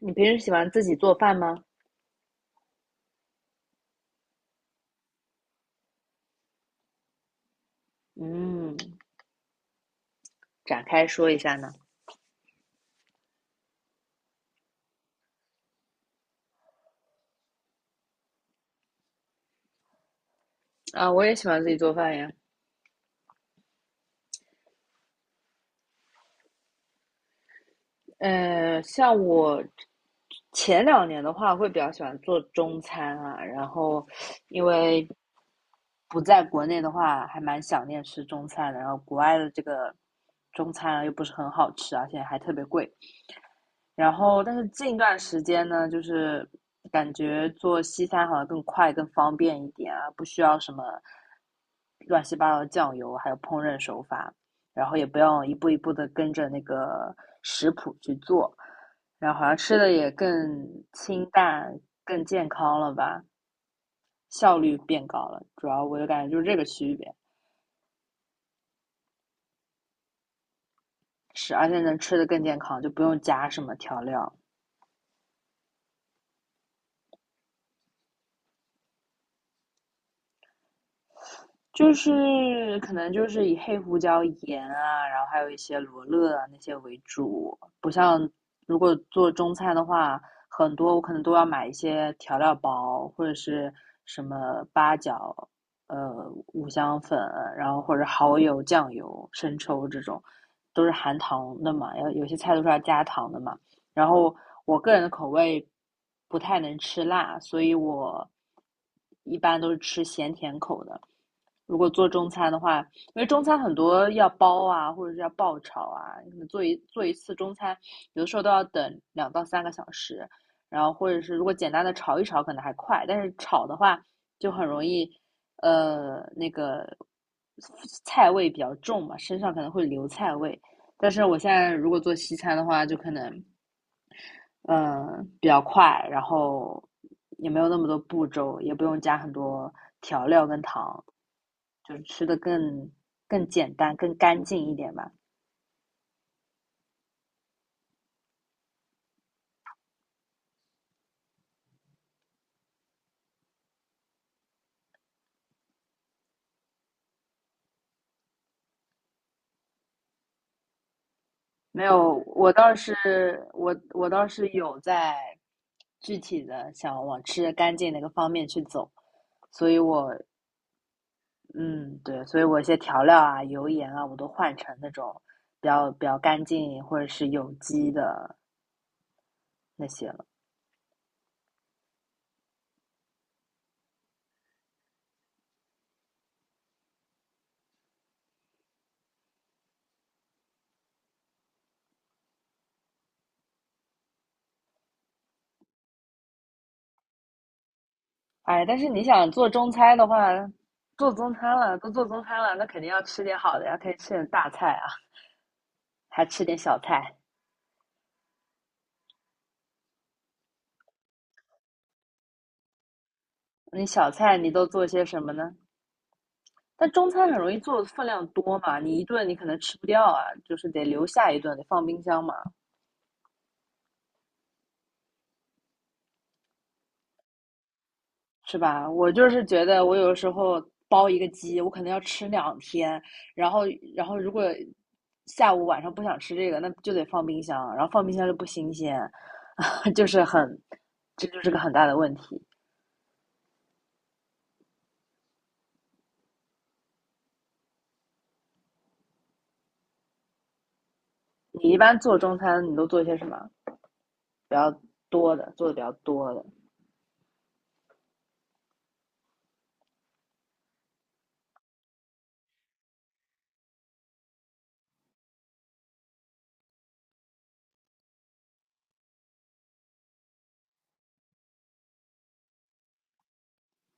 你平时喜欢自己做饭吗？嗯，展开说一下呢。啊，我也喜欢自己做饭呀。像我前2年的话，会比较喜欢做中餐啊，然后因为不在国内的话，还蛮想念吃中餐的，然后国外的这个中餐啊又不是很好吃，而且还特别贵，然后，但是近段时间呢，就是感觉做西餐好像更快、更方便一点啊，不需要什么乱七八糟的酱油，还有烹饪手法，然后也不用一步一步的跟着那个食谱去做，然后好像吃的也更清淡、更健康了吧，效率变高了。主要我就感觉就是这个区别，是而且能吃的更健康，就不用加什么调料。就是可能就是以黑胡椒、盐啊，然后还有一些罗勒啊那些为主，不像如果做中餐的话，很多我可能都要买一些调料包或者是什么八角、五香粉，然后或者蚝油、酱油、生抽这种，都是含糖的嘛，有些菜都是要加糖的嘛。然后我个人的口味不太能吃辣，所以我一般都是吃咸甜口的。如果做中餐的话，因为中餐很多要包啊，或者是要爆炒啊，你做一次中餐，有的时候都要等2到3个小时，然后或者是如果简单的炒一炒可能还快，但是炒的话就很容易，那个菜味比较重嘛，身上可能会留菜味。但是我现在如果做西餐的话，就可能嗯，比较快，然后也没有那么多步骤，也不用加很多调料跟糖，就是吃的更简单、更干净一点吧。没有，我倒是有在具体的想往吃的干净那个方面去走，所以我嗯对，所以我一些调料啊、油盐啊，我都换成那种比较干净或者是有机的那些了。哎，但是你想做中餐的话，做中餐了，都做中餐了，那肯定要吃点好的呀，可以吃点大菜啊，还吃点小菜。你小菜你都做些什么呢？但中餐很容易做的分量多嘛，你一顿你可能吃不掉啊，就是得留下一顿，得放冰箱嘛，是吧？我就是觉得我有的时候包一个鸡，我可能要吃2天，然后然后如果下午晚上不想吃这个，那就得放冰箱，然后放冰箱就不新鲜，就是很，这就是个很大的问题。你一般做中餐，你都做些什么比较多的，做的比较多的？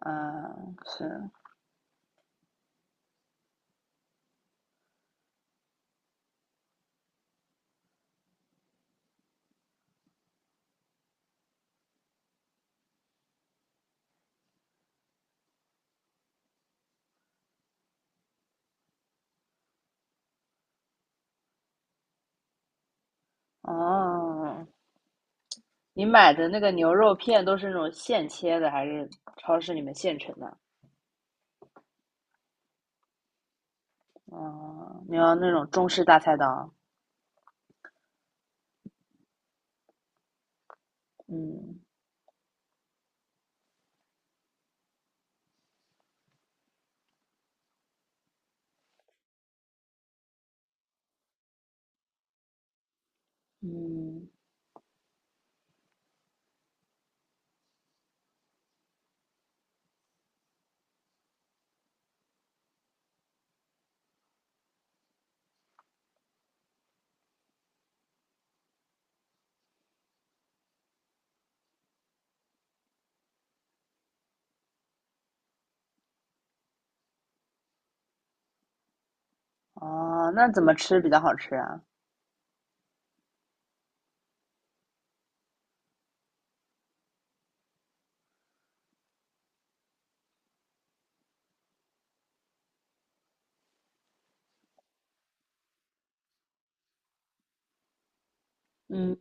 嗯，是，哦，你买的那个牛肉片都是那种现切的，还是超市里面现成的？哦，你要那种中式大菜刀？嗯嗯，哦，那怎么吃比较好吃啊？嗯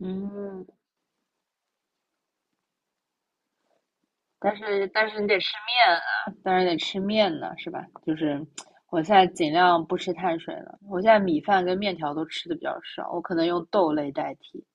嗯但是你得吃面啊，但是得吃面呢，是吧？就是我现在尽量不吃碳水了，我现在米饭跟面条都吃的比较少，我可能用豆类代替。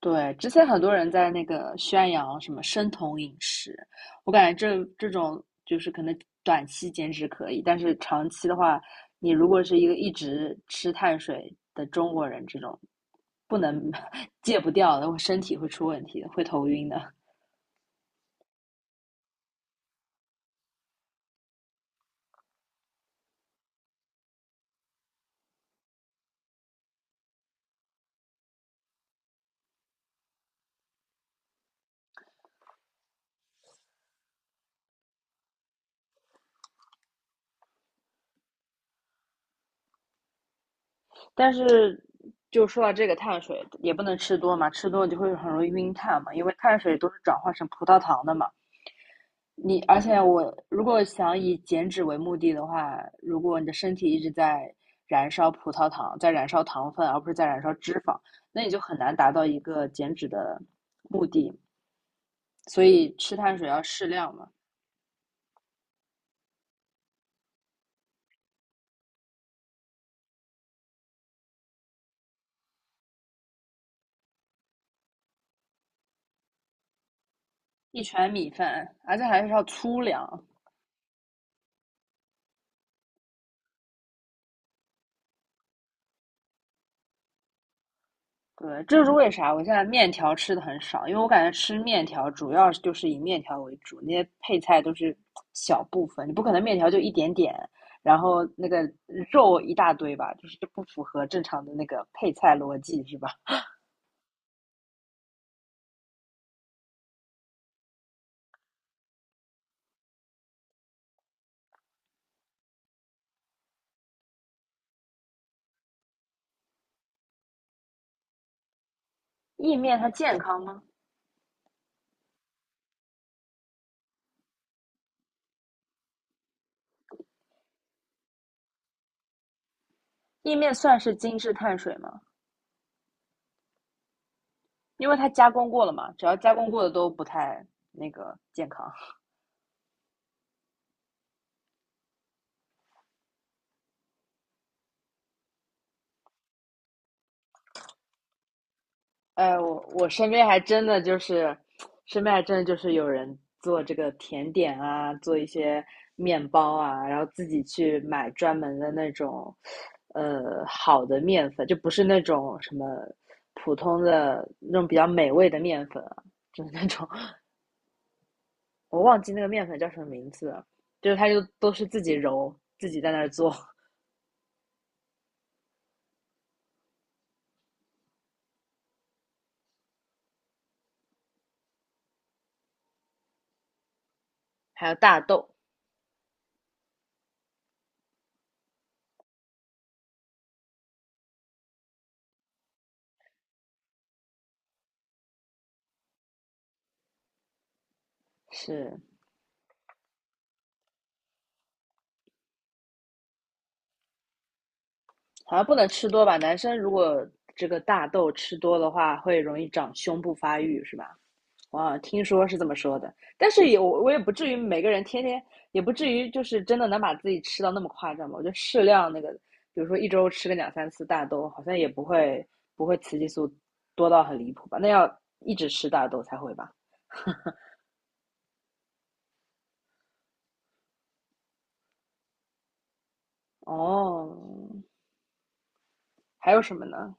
对，之前很多人在那个宣扬什么生酮饮食，我感觉这种就是可能短期减脂可以，但是长期的话，你如果是一个一直吃碳水的中国人，这种不能 戒不掉的，我身体会出问题的，会头晕的。但是就说到这个碳水，也不能吃多嘛，吃多就会很容易晕碳嘛，因为碳水都是转化成葡萄糖的嘛。你而且我如果想以减脂为目的的话，如果你的身体一直在燃烧葡萄糖，在燃烧糖分，而不是在燃烧脂肪，那你就很难达到一个减脂的目的。所以吃碳水要适量嘛，一拳米饭，而且还是要粗粮，对，这就是为啥我现在面条吃的很少，因为我感觉吃面条主要就是以面条为主，那些配菜都是小部分，你不可能面条就一点点，然后那个肉一大堆吧，就是这不符合正常的那个配菜逻辑，是吧？意面它健康吗？意面算是精致碳水吗？因为它加工过了嘛，只要加工过的都不太那个健康。哎，我身边还真的就是，身边还真的就是有人做这个甜点啊，做一些面包啊，然后自己去买专门的那种，好的面粉，就不是那种什么普通的那种比较美味的面粉啊，就是那种 我忘记那个面粉叫什么名字了，就是他就都是自己揉，自己在那儿做，还有大豆，是，好像不能吃多吧？男生如果这个大豆吃多的话，会容易长胸部发育，是吧？我听说是这么说的，但是也我也不至于每个人天天，也不至于就是真的能把自己吃到那么夸张吧？我觉得适量那个，比如说一周吃个两三次大豆，好像也不会雌激素多到很离谱吧？那要一直吃大豆才会吧？哦，还有什么呢？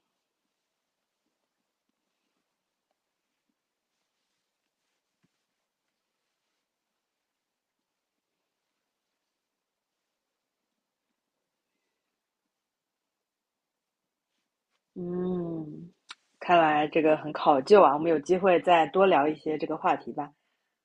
嗯，看来这个很考究啊，我们有机会再多聊一些这个话题吧。